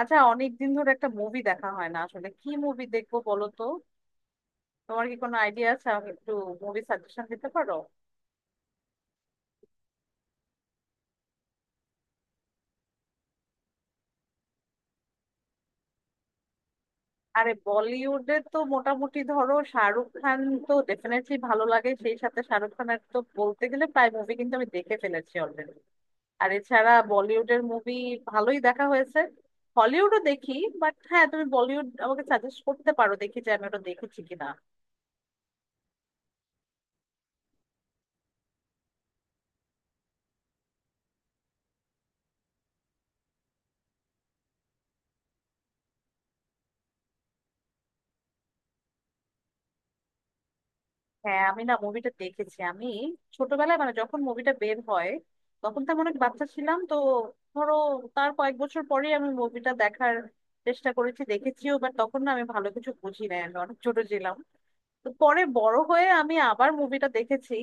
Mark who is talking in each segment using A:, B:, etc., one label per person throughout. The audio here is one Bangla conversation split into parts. A: আচ্ছা, অনেকদিন ধরে একটা মুভি দেখা হয় না। আসলে কি মুভি দেখবো বলো তো? তোমার কি কোনো আইডিয়া আছে? আমাকে একটু মুভি সাজেশন দিতে পারো? আরে বলিউডে তো মোটামুটি ধরো শাহরুখ খান তো ডেফিনেটলি ভালো লাগে। সেই সাথে শাহরুখ খানের তো বলতে গেলে প্রায় মুভি কিন্তু আমি দেখে ফেলেছি অলরেডি। আর এছাড়া বলিউডের মুভি ভালোই দেখা হয়েছে, হলিউডও দেখি। বাট হ্যাঁ, তুমি বলিউড আমাকে সাজেস্ট করতে পারো, দেখি যে আমি ওটা দেখেছি কিনা। হ্যাঁ, আমি না মুভিটা দেখেছি। আমি ছোটবেলায়, মানে যখন মুভিটা বের হয় তখন তো আমি অনেক বাচ্চা ছিলাম, তো ধরো তার কয়েক বছর পরে আমি মুভিটা দেখার চেষ্টা করেছি, দেখেছিও, বাট তখন না আমি ভালো কিছু বুঝি না, আমি অনেক ছোট ছিলাম। তো পরে বড় হয়ে আমি আবার মুভিটা দেখেছি।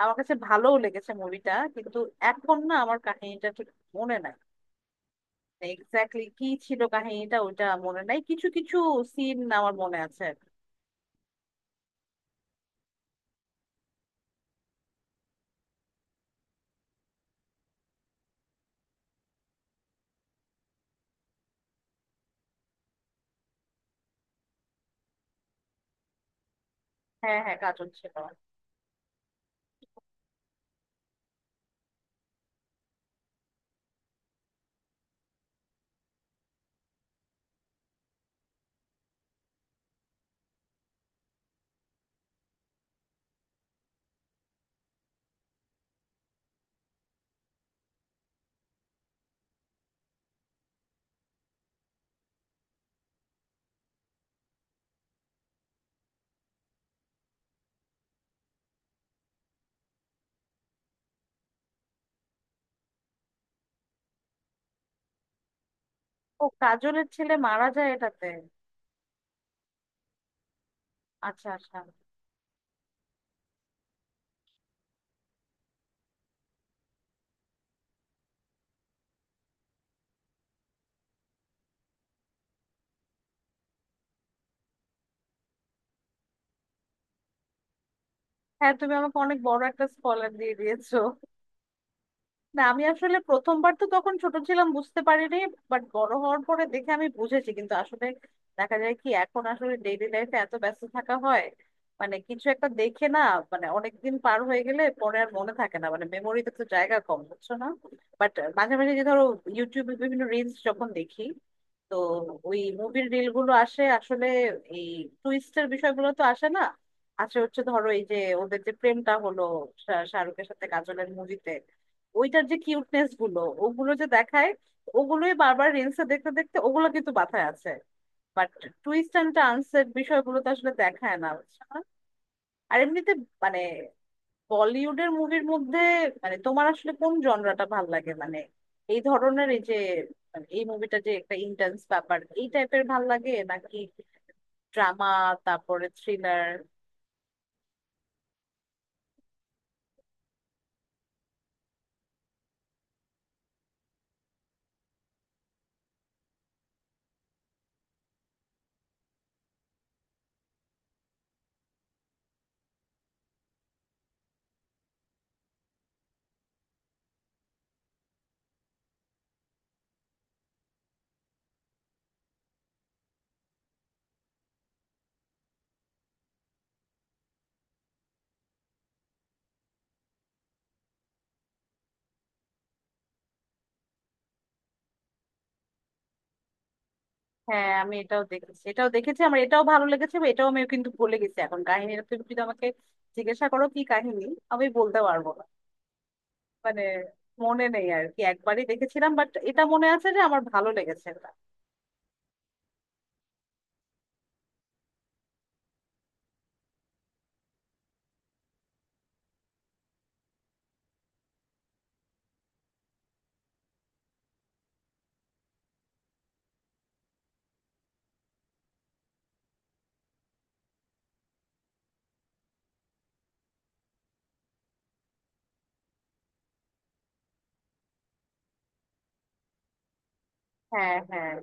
A: আমার কাছে ভালোও লেগেছে মুভিটা, কিন্তু এখন না আমার কাহিনীটা ঠিক মনে নাই। এক্স্যাক্টলি কি ছিল কাহিনীটা ওটা মনে নাই, কিছু কিছু সিন আমার মনে আছে। হ্যাঁ হ্যাঁ, কাজল ছিল। ও, কাজলের ছেলে মারা যায় এটাতে? আচ্ছা আচ্ছা। হ্যাঁ, তুমি আমাকে অনেক বড় একটা স্পয়লার দিয়ে দিয়েছো। না, আমি আসলে প্রথমবার তো তখন ছোট ছিলাম, বুঝতে পারিনি। বাট বড় হওয়ার পরে দেখে আমি বুঝেছি। কিন্তু আসলে দেখা যায় কি, এখন আসলে ডেইলি লাইফে এত ব্যস্ত থাকা হয়, মানে কিছু একটা দেখে না মানে অনেকদিন পার হয়ে গেলে পরে আর মনে থাকে না, মানে মেমোরিতে তো জায়গা কম, বুঝছো না? বাট মাঝে মাঝে যে ধরো ইউটিউবে বিভিন্ন রিলস যখন দেখি, তো ওই মুভির রিল গুলো আসে আসলে। এই টুইস্টের বিষয়গুলো তো আসে না, আসে হচ্ছে ধরো এই যে ওদের যে প্রেমটা হলো শাহরুখের সাথে কাজলের মুভিতে, ওইটার যে কিউটনেস গুলো ওগুলো যে দেখায়, ওগুলোই বারবার রিলসে দেখতে দেখতে ওগুলো কিন্তু মাথায় আছে। বাট টুইস্ট অ্যান্ড টার্নস এর বিষয়গুলো তো আসলে দেখায় না, বুঝছো না? আর এমনিতে মানে বলিউডের মুভির মধ্যে মানে তোমার আসলে কোন জনরাটা ভাল লাগে? মানে এই ধরনের এই যে মানে এই মুভিটা যে একটা ইন্টেন্স ব্যাপার, এই টাইপের ভাল লাগে নাকি ড্রামা, তারপরে থ্রিলার? হ্যাঁ, আমি এটাও দেখেছি, এটাও দেখেছি, আমার এটাও ভালো লেগেছে। বা এটাও আমি কিন্তু ভুলে গেছি এখন কাহিনীটা। তুমি যদি আমাকে জিজ্ঞাসা করো কি কাহিনী, আমি বলতে পারবো না। মানে মনে নেই আর কি, একবারই দেখেছিলাম। বাট এটা মনে আছে যে আমার ভালো লেগেছে এটা। হ্যাঁ হ্যাঁ।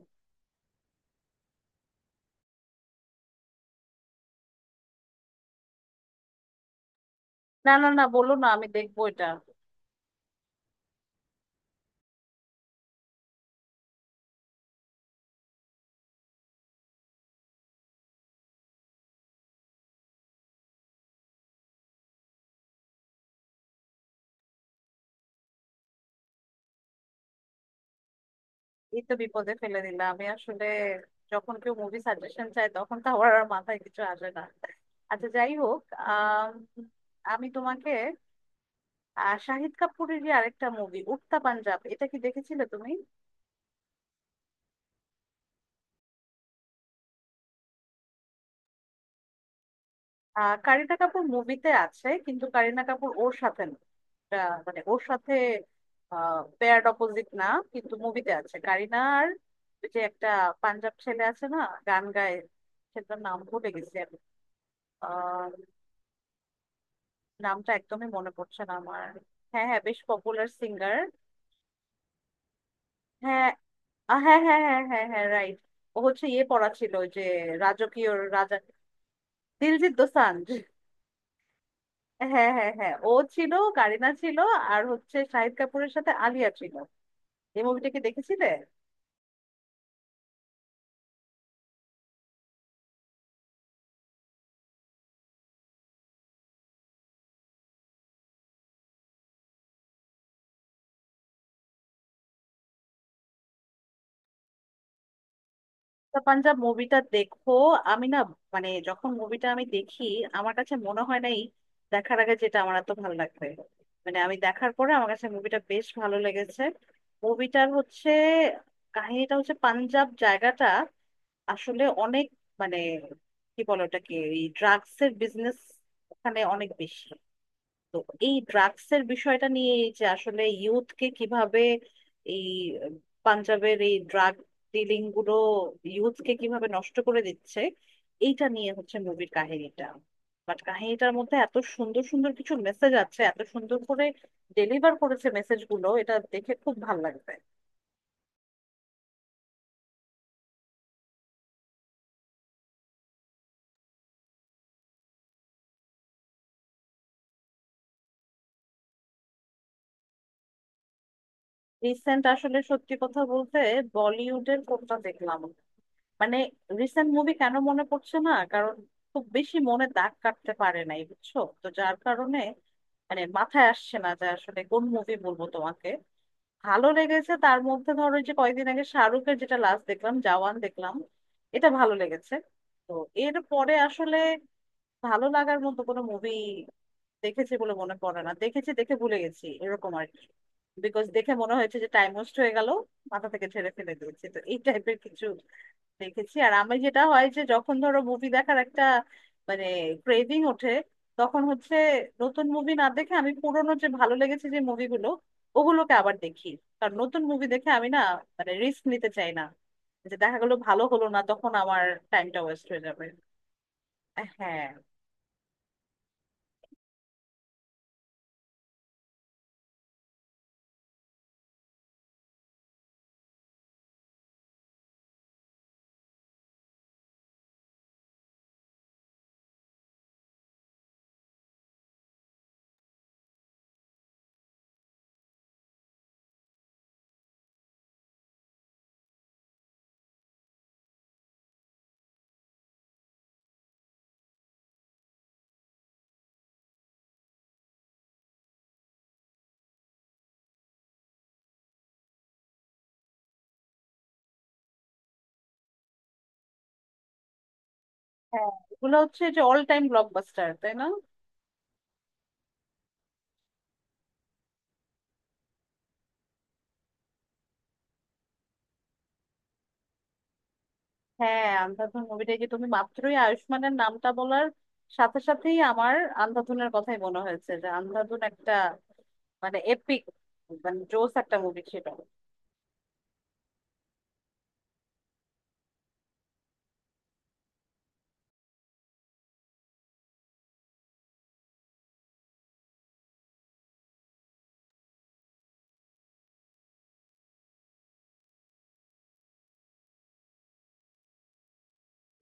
A: না না না, বলো না, আমি দেখবো এটা। এই তো বিপদে ফেলে দিলাম। আমি আসলে যখন কেউ মুভি সাজেশন চায় তখন তো আমার আর মাথায় কিছু আসে না। আচ্ছা, যাই হোক। আম, আমি তোমাকে শাহিদ কাপুরের যে আরেকটা মুভি উড়তা পাঞ্জাব, এটা কি দেখেছিলে তুমি? আহ কারিনা কাপুর মুভিতে আছে, কিন্তু কারিনা কাপুর ওর সাথে না। এটা মানে ওর সাথে পেয়ার অপোজিট না, কিন্তু মুভিতে আছে কারিনা। আর ওই যে একটা পাঞ্জাব ছেলে আছে না, গান গায়, সেটার নাম ভুলে গেছি আমি। নামটা একদমই মনে পড়ছে না আমার। হ্যাঁ হ্যাঁ, বেশ পপুলার সিঙ্গার। হ্যাঁ। হ্যাঁ হ্যাঁ হ্যাঁ হ্যাঁ হ্যাঁ, রাইট। ও হচ্ছে ইয়ে পড়া ছিল ওই যে, রাজকীয়, রাজা, দিলজিৎ দোসাঞ্জ। হ্যাঁ হ্যাঁ হ্যাঁ, ও ছিল, কারিনা ছিল। আর হচ্ছে শাহিদ কাপুরের সাথে আলিয়া ছিল। এই মুভিটা কি দেখেছিলে? দ্য পাঞ্জাব মুভিটা দেখো। আমি না, মানে যখন মুভিটা আমি দেখি, আমার কাছে মনে হয় নাই দেখার আগে যেটা আমার এত ভালো লাগবে। মানে আমি দেখার পরে আমার কাছে মুভিটা বেশ ভালো লেগেছে। মুভিটার হচ্ছে কাহিনীটা হচ্ছে পাঞ্জাব জায়গাটা আসলে অনেক মানে কি বলে ওটাকে, এই ড্রাগস এর বিজনেস ওখানে অনেক বেশি। তো এই ড্রাগস এর বিষয়টা নিয়ে, এই যে আসলে ইউথকে কিভাবে, এই পাঞ্জাবের এই ড্রাগ ডিলিং গুলো ইউথকে কিভাবে নষ্ট করে দিচ্ছে, এইটা নিয়ে হচ্ছে মুভির কাহিনীটা। বাট কাহিনীটার মধ্যে এত সুন্দর সুন্দর কিছু মেসেজ আছে, এত সুন্দর করে ডেলিভার করেছে মেসেজ গুলো, এটা দেখে খুব ভালো লাগবে। রিসেন্ট আসলে সত্যি কথা বলতে বলিউডের কোনটা দেখলাম মানে, রিসেন্ট মুভি কেন মনে পড়ছে না, কারণ খুব বেশি মনে দাগ কাটতে পারে নাই বুঝছো, তো যার কারণে মানে মাথায় আসছে না যে আসলে কোন মুভি বলবো তোমাকে। ভালো লেগেছে তার মধ্যে ধরো এই যে কয়েকদিন আগে শাহরুখের যেটা লাস্ট দেখলাম, জওয়ান দেখলাম, এটা ভালো লেগেছে। তো এর পরে আসলে ভালো লাগার মতো কোনো মুভি দেখেছি বলে মনে পড়ে না। দেখেছি, দেখে ভুলে গেছি এরকম আর কি, বিকজ দেখে মনে হয়েছে যে টাইম ওয়েস্ট হয়ে গেল, মাথা থেকে ছেড়ে ফেলে দিয়েছি, তো এই টাইপের কিছু দেখেছি। আর আমি যেটা হয় যে যখন ধরো মুভি দেখার একটা মানে ক্রেভিং ওঠে, তখন হচ্ছে নতুন মুভি না দেখে আমি পুরোনো যে ভালো লেগেছে যে মুভিগুলো ওগুলোকে আবার দেখি। কারণ নতুন মুভি দেখে আমি না মানে রিস্ক নিতে চাই না যে দেখা গেলো ভালো হলো না, তখন আমার টাইমটা ওয়েস্ট হয়ে যাবে। হ্যাঁ হ্যাঁ। এগুলো হচ্ছে যে অল টাইম ব্লকবাস্টার, তাই না? হ্যাঁ, আন্ধাধুন মুভিটা যে, তুমি মাত্রই আয়ুষ্মানের নামটা বলার সাথে সাথেই আমার আন্ধাধুনের কথাই মনে হয়েছে যে আন্ধাধুন একটা মানে এপিক, মানে জোস একটা মুভি ছিল।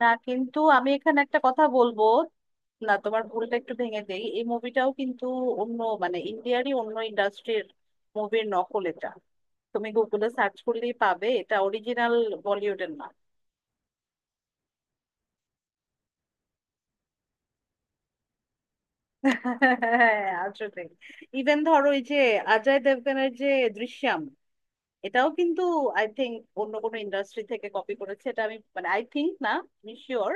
A: না, কিন্তু আমি এখানে একটা কথা বলবো। না, তোমার ভুলটা একটু ভেঙে দেই। এই মুভিটাও কিন্তু অন্য মানে ইন্ডিয়ারই অন্য ইন্ডাস্ট্রির মুভির নকল এটা। তুমি গুগলে সার্চ করলেই পাবে, এটা অরিজিনাল বলিউডের না। হ্যাঁ, আসলে ইভেন ধরো এই যে অজয় দেবগনের যে দৃশ্যম, এটাও কিন্তু আই থিংক অন্য কোনো ইন্ডাস্ট্রি থেকে কপি করেছে। এটা আমি মানে আই থিংক না, আমি শিওর।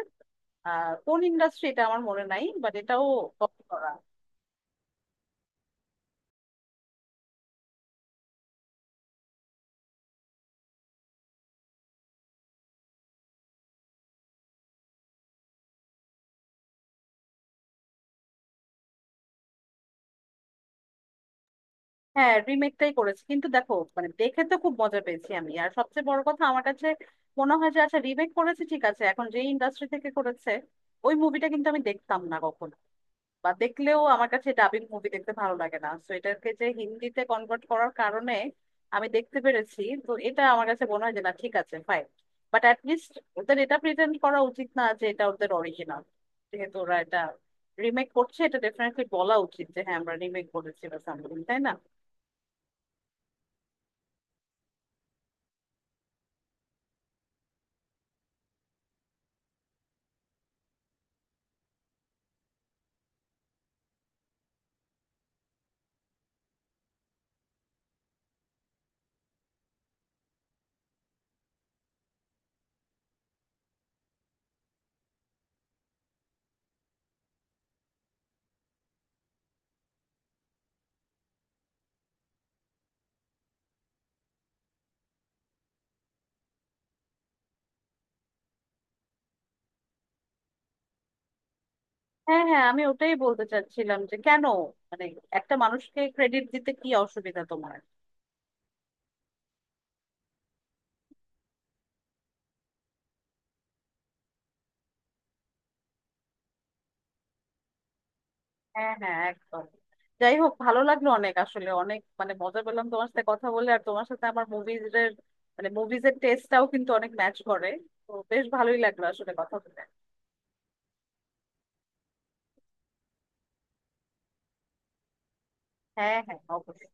A: কোন ইন্ডাস্ট্রি এটা আমার মনে নাই, বাট এটাও কপি করা। হ্যাঁ, রিমেকটাই করেছে, কিন্তু দেখো মানে দেখে তো খুব মজা পেয়েছি আমি। আর সবচেয়ে বড় কথা আমার কাছে মনে হয় যে আচ্ছা, রিমেক করেছে, ঠিক আছে, এখন যে ইন্ডাস্ট্রি থেকে করেছে ওই মুভিটা কিন্তু আমি দেখতাম না কখনো, বা দেখলেও আমার কাছে ডাবিং মুভি দেখতে ভালো লাগে না। তো এটাকে যে হিন্দিতে কনভার্ট করার কারণে আমি দেখতে পেরেছি, তো এটা আমার কাছে মনে হয় যে না, ঠিক আছে, ফাইন। বাট অ্যাটলিস্ট ওদের এটা প্রেজেন্ট করা উচিত না যে এটা ওদের অরিজিনাল। যেহেতু ওরা এটা রিমেক করছে, এটা ডেফিনেটলি বলা উচিত যে হ্যাঁ, আমরা রিমেক করেছি বা সামথিং, তাই না? হ্যাঁ হ্যাঁ, আমি ওটাই বলতে চাচ্ছিলাম যে কেন মানে একটা মানুষকে ক্রেডিট দিতে কি অসুবিধা তোমার? হ্যাঁ হ্যাঁ, একদম। যাই হোক, ভালো লাগলো অনেক, আসলে অনেক মানে মজা পেলাম তোমার সাথে কথা বলে। আর তোমার সাথে আমার মুভিজ এর মানে মুভিজ এর টেস্টটাও কিন্তু অনেক ম্যাচ করে, তো বেশ ভালোই লাগলো আসলে কথা বলে। হ্যাঁ হ্যাঁ, অবশ্যই।